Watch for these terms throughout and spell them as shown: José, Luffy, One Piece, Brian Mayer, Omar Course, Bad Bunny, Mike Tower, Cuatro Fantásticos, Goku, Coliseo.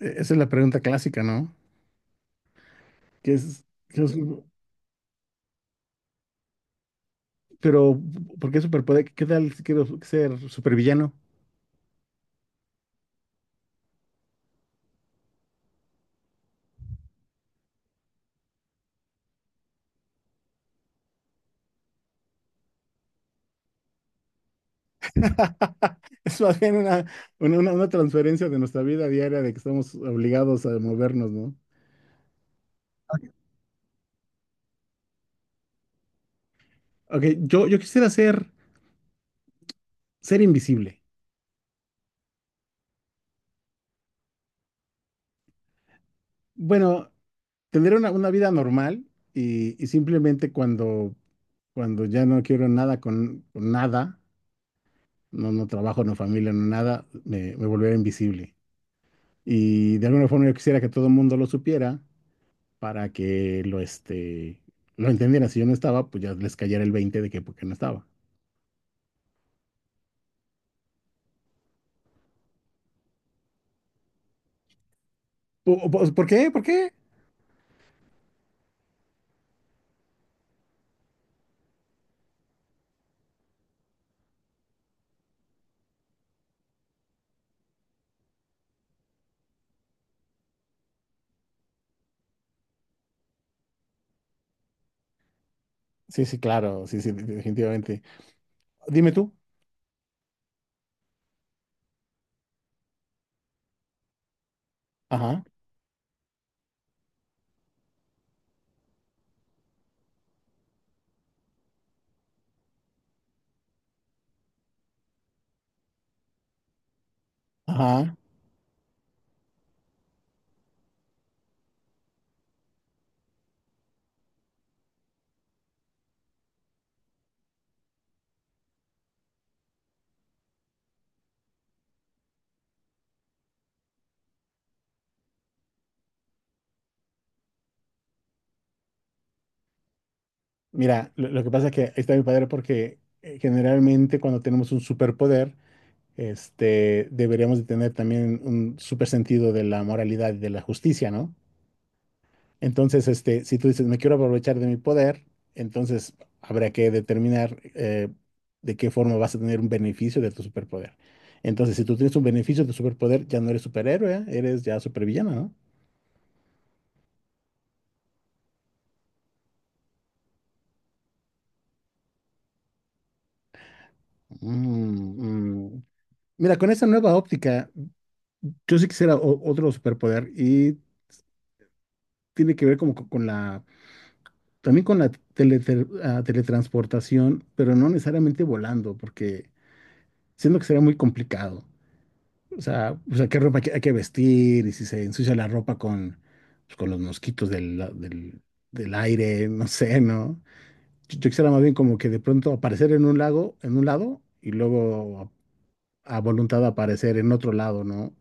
Esa es la pregunta clásica, ¿no? ¿Qué es, pero, ¿por qué superpoder? ¿Qué tal si quiero ser supervillano? Es más bien una transferencia de nuestra vida diaria de que estamos obligados a movernos, ¿no? Ok, yo quisiera ser invisible. Bueno, tener una vida normal y simplemente cuando ya no quiero nada con nada, no, no trabajo, no familia, no nada, me volveré invisible. Y de alguna forma yo quisiera que todo el mundo lo supiera para que lo entendieran. Si yo no estaba, pues ya les cayera el 20 de que por qué no estaba. ¿Por, qué? ¿Por qué? Sí, sí, claro, sí, sí, definitivamente. Dime tú. Ajá, ajá. Mira, lo que pasa es que ahí está mi padre porque generalmente cuando tenemos un superpoder, deberíamos de tener también un super sentido de la moralidad y de la justicia, ¿no? Entonces, si tú dices, me quiero aprovechar de mi poder, entonces habrá que determinar de qué forma vas a tener un beneficio de tu superpoder. Entonces, si tú tienes un beneficio de tu superpoder, ya no eres superhéroe, eres ya supervillano, ¿no? Mm, mm. Mira, con esa nueva óptica, yo sí quisiera otro superpoder y tiene que ver como con la, también con la teletransportación, pero no necesariamente volando, porque siento que sería muy complicado. O sea, qué ropa hay que vestir y si se ensucia la ropa con, pues, con los mosquitos del aire, no sé, ¿no? Yo quisiera más bien como que de pronto aparecer en un lago, en un lado, y luego a voluntad aparecer en otro lado, ¿no?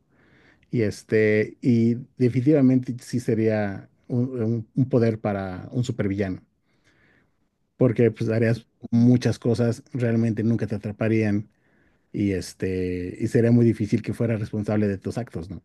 Y este, y definitivamente sí sería un, un poder para un supervillano, porque pues harías muchas cosas, realmente nunca te atraparían, y este, y sería muy difícil que fueras responsable de tus actos, ¿no?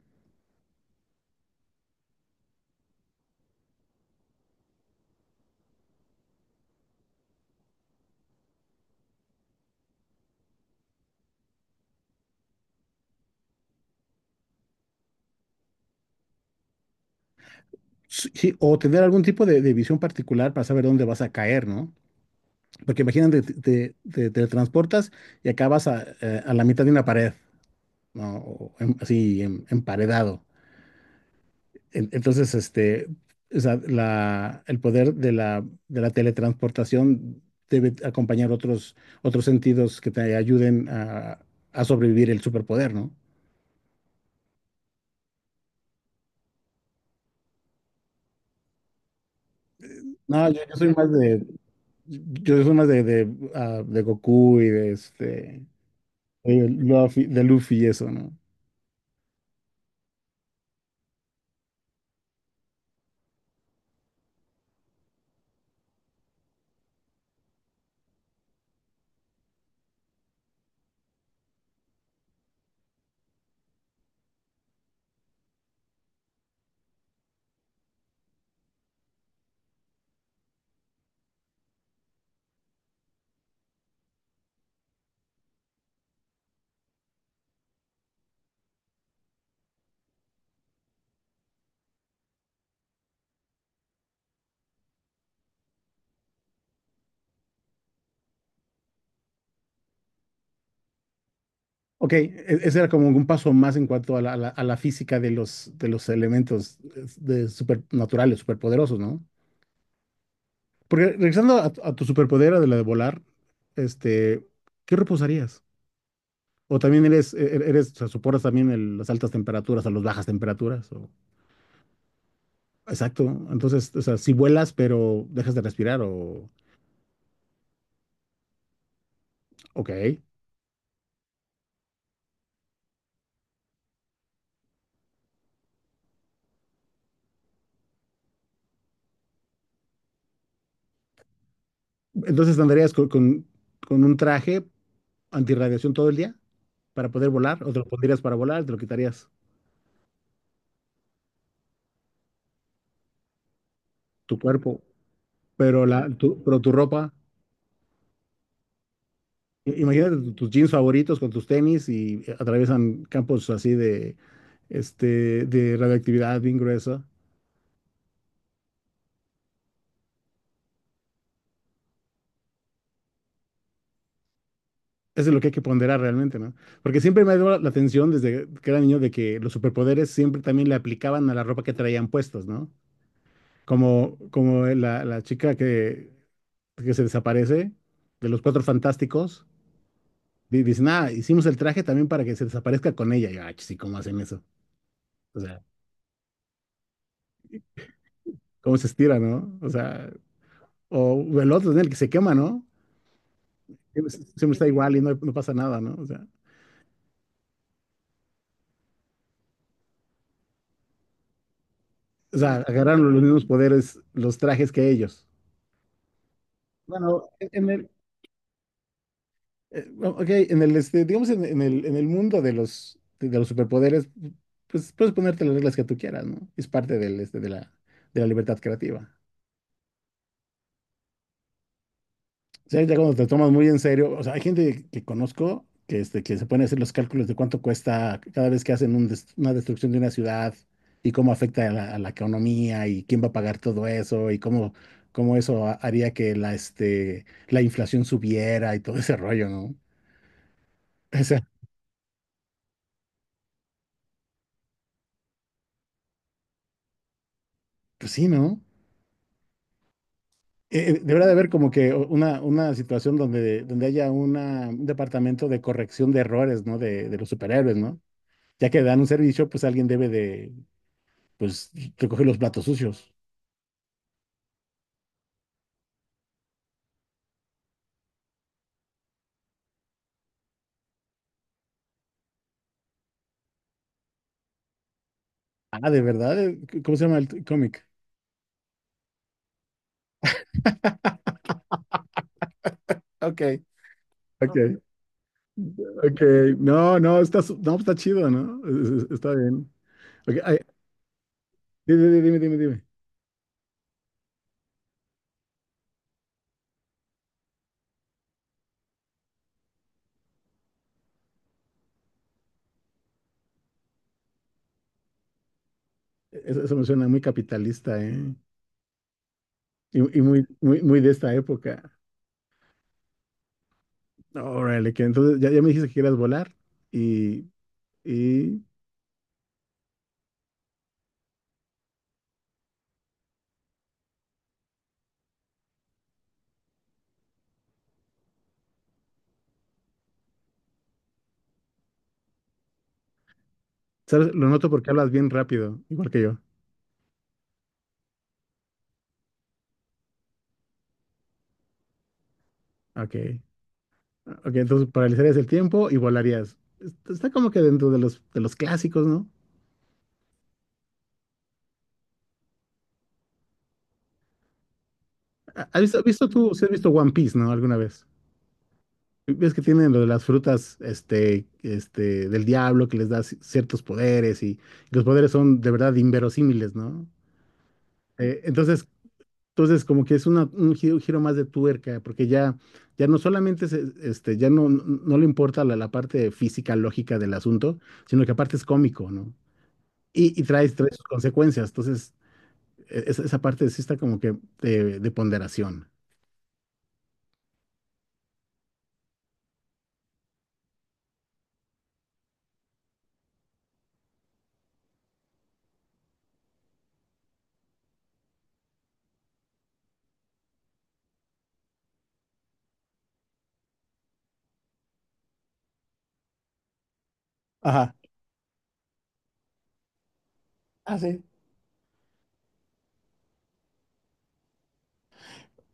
Sí, sí, o tener algún tipo de visión particular para saber dónde vas a caer, ¿no? Porque imagínate, te teletransportas y acabas a la mitad de una pared, ¿no? O así emparedado. Entonces, o sea, la, el poder de la teletransportación debe acompañar otros sentidos que te ayuden a sobrevivir el superpoder, ¿no? No, yo soy más de, yo soy más de Goku y de este. Digo, de Luffy y eso, ¿no? Ok, ese era como un paso más en cuanto a la, a la física de los elementos de supernaturales, superpoderosos, ¿no? Porque regresando a tu superpoder, de la de volar, este, ¿qué reposarías? O también eres, eres, o sea, soportas también las altas temperaturas o las bajas temperaturas. O- Exacto. Entonces, o sea, si vuelas, pero dejas de respirar, o... Ok. Entonces andarías con un traje antirradiación todo el día, para poder volar, o te lo pondrías para volar, te lo quitarías tu cuerpo, pero, la, tu, pero tu ropa, imagínate tus jeans favoritos con tus tenis y atraviesan campos así de, este, de radioactividad bien gruesa. Eso es lo que hay que ponderar realmente, ¿no? Porque siempre me ha dado la atención desde que era niño de que los superpoderes siempre también le aplicaban a la ropa que traían puestos, ¿no? Como, como la chica que se desaparece de los Cuatro Fantásticos dice, nada, hicimos el traje también para que se desaparezca con ella. Y yo, ay, sí, ¿cómo hacen eso? O sea, ¿cómo se estira, no? O sea, o el otro, en el que se quema, ¿no? Siempre siempre está igual y no, no pasa nada, ¿no? O sea, agarraron los mismos poderes, los trajes que ellos. Bueno, ok, en el, este, digamos, en el mundo de los superpoderes, pues puedes ponerte las reglas que tú quieras, ¿no? Es parte del, este, de la libertad creativa. Sea, ya cuando te tomas muy en serio, o sea, hay gente que conozco que se pone a hacer los cálculos de cuánto cuesta cada vez que hacen un una destrucción de una ciudad y cómo afecta a la economía y quién va a pagar todo eso y cómo, cómo eso haría que la, este, la inflación subiera y todo ese rollo, ¿no? O sea, pues sí, ¿no? Debería de haber como que una situación donde, donde haya una, un departamento de corrección de errores, ¿no? De los superhéroes, ¿no? Ya que dan un servicio, pues alguien debe de, pues recoge los platos sucios. Ah, ¿de verdad? ¿Cómo se llama el cómic? Ok. Ok, ok. No, no, está, no, está chido, ¿no? Está bien. Ok, ay, dime, dime, dime, dime. E, eso me suena muy capitalista, ¿eh? Y muy, muy, muy de esta época. Órale, que entonces ya, ya me dijiste que quieras volar y, y, ¿sabes? Lo noto porque hablas bien rápido, igual que yo. Ok. Ok, entonces paralizarías el tiempo y volarías. Está está como que dentro de los clásicos, ¿no? Has visto tú, si has visto One Piece, ¿no? Alguna vez. Ves que tienen lo de las frutas, este, del diablo que les da ciertos poderes y, los poderes son de verdad inverosímiles, ¿no? Entonces, entonces como que es un giro, giro más de tuerca, porque ya, ya no solamente ya no, no le importa la, la parte física, lógica del asunto, sino que aparte es cómico, ¿no? Y trae, trae sus consecuencias. Entonces, esa, esa parte sí está como que de ponderación. Ajá. Ah, sí.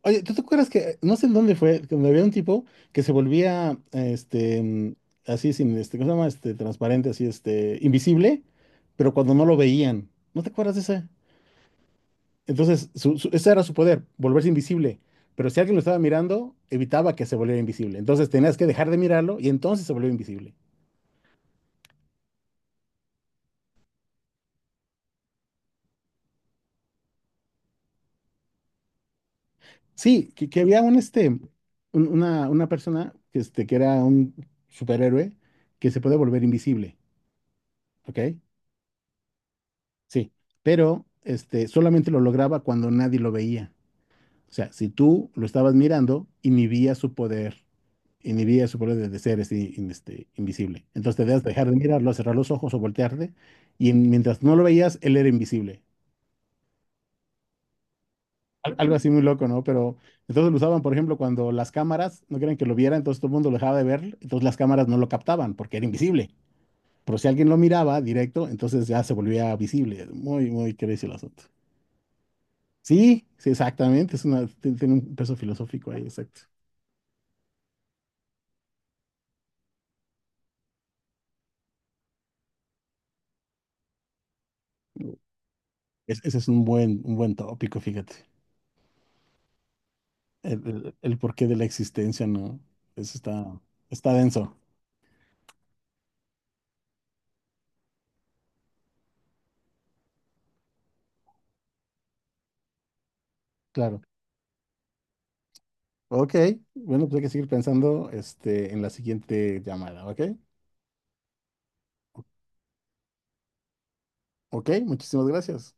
Oye, ¿tú te acuerdas que, no sé en dónde fue, donde había un tipo que se volvía, este, mm, así sin, este, ¿cómo se llama? Este, transparente, así, este, invisible, pero cuando no lo veían. ¿No te acuerdas de ese? Entonces, su, ese era su poder, volverse invisible. Pero si alguien lo estaba mirando, evitaba que se volviera invisible. Entonces tenías que dejar de mirarlo y entonces se volvió invisible. Sí, que había un, este, un- una persona que, este, que era un superhéroe que se puede volver invisible, ¿ok? Sí, pero este, solamente lo lograba cuando nadie lo veía. O sea, si tú lo estabas mirando, inhibía su poder de ser así, invisible. Entonces te debías dejar de mirarlo, cerrar los ojos o voltearte, y mientras no lo veías, él era invisible. Algo así muy loco, ¿no? Pero entonces lo usaban, por ejemplo, cuando las cámaras no querían que lo viera, entonces todo el mundo lo dejaba de ver, entonces las cámaras no lo captaban porque era invisible. Pero si alguien lo miraba directo, entonces ya se volvía visible. Muy, muy crazy el asunto. Sí, sí, exactamente. Es una, tiene un peso filosófico ahí, exacto. Ese es un buen tópico, fíjate. El, el porqué de la existencia, ¿no? Eso está, está denso. Claro. Ok. Bueno, pues hay que seguir pensando, este, en la siguiente llamada, ¿ok? Ok, muchísimas gracias.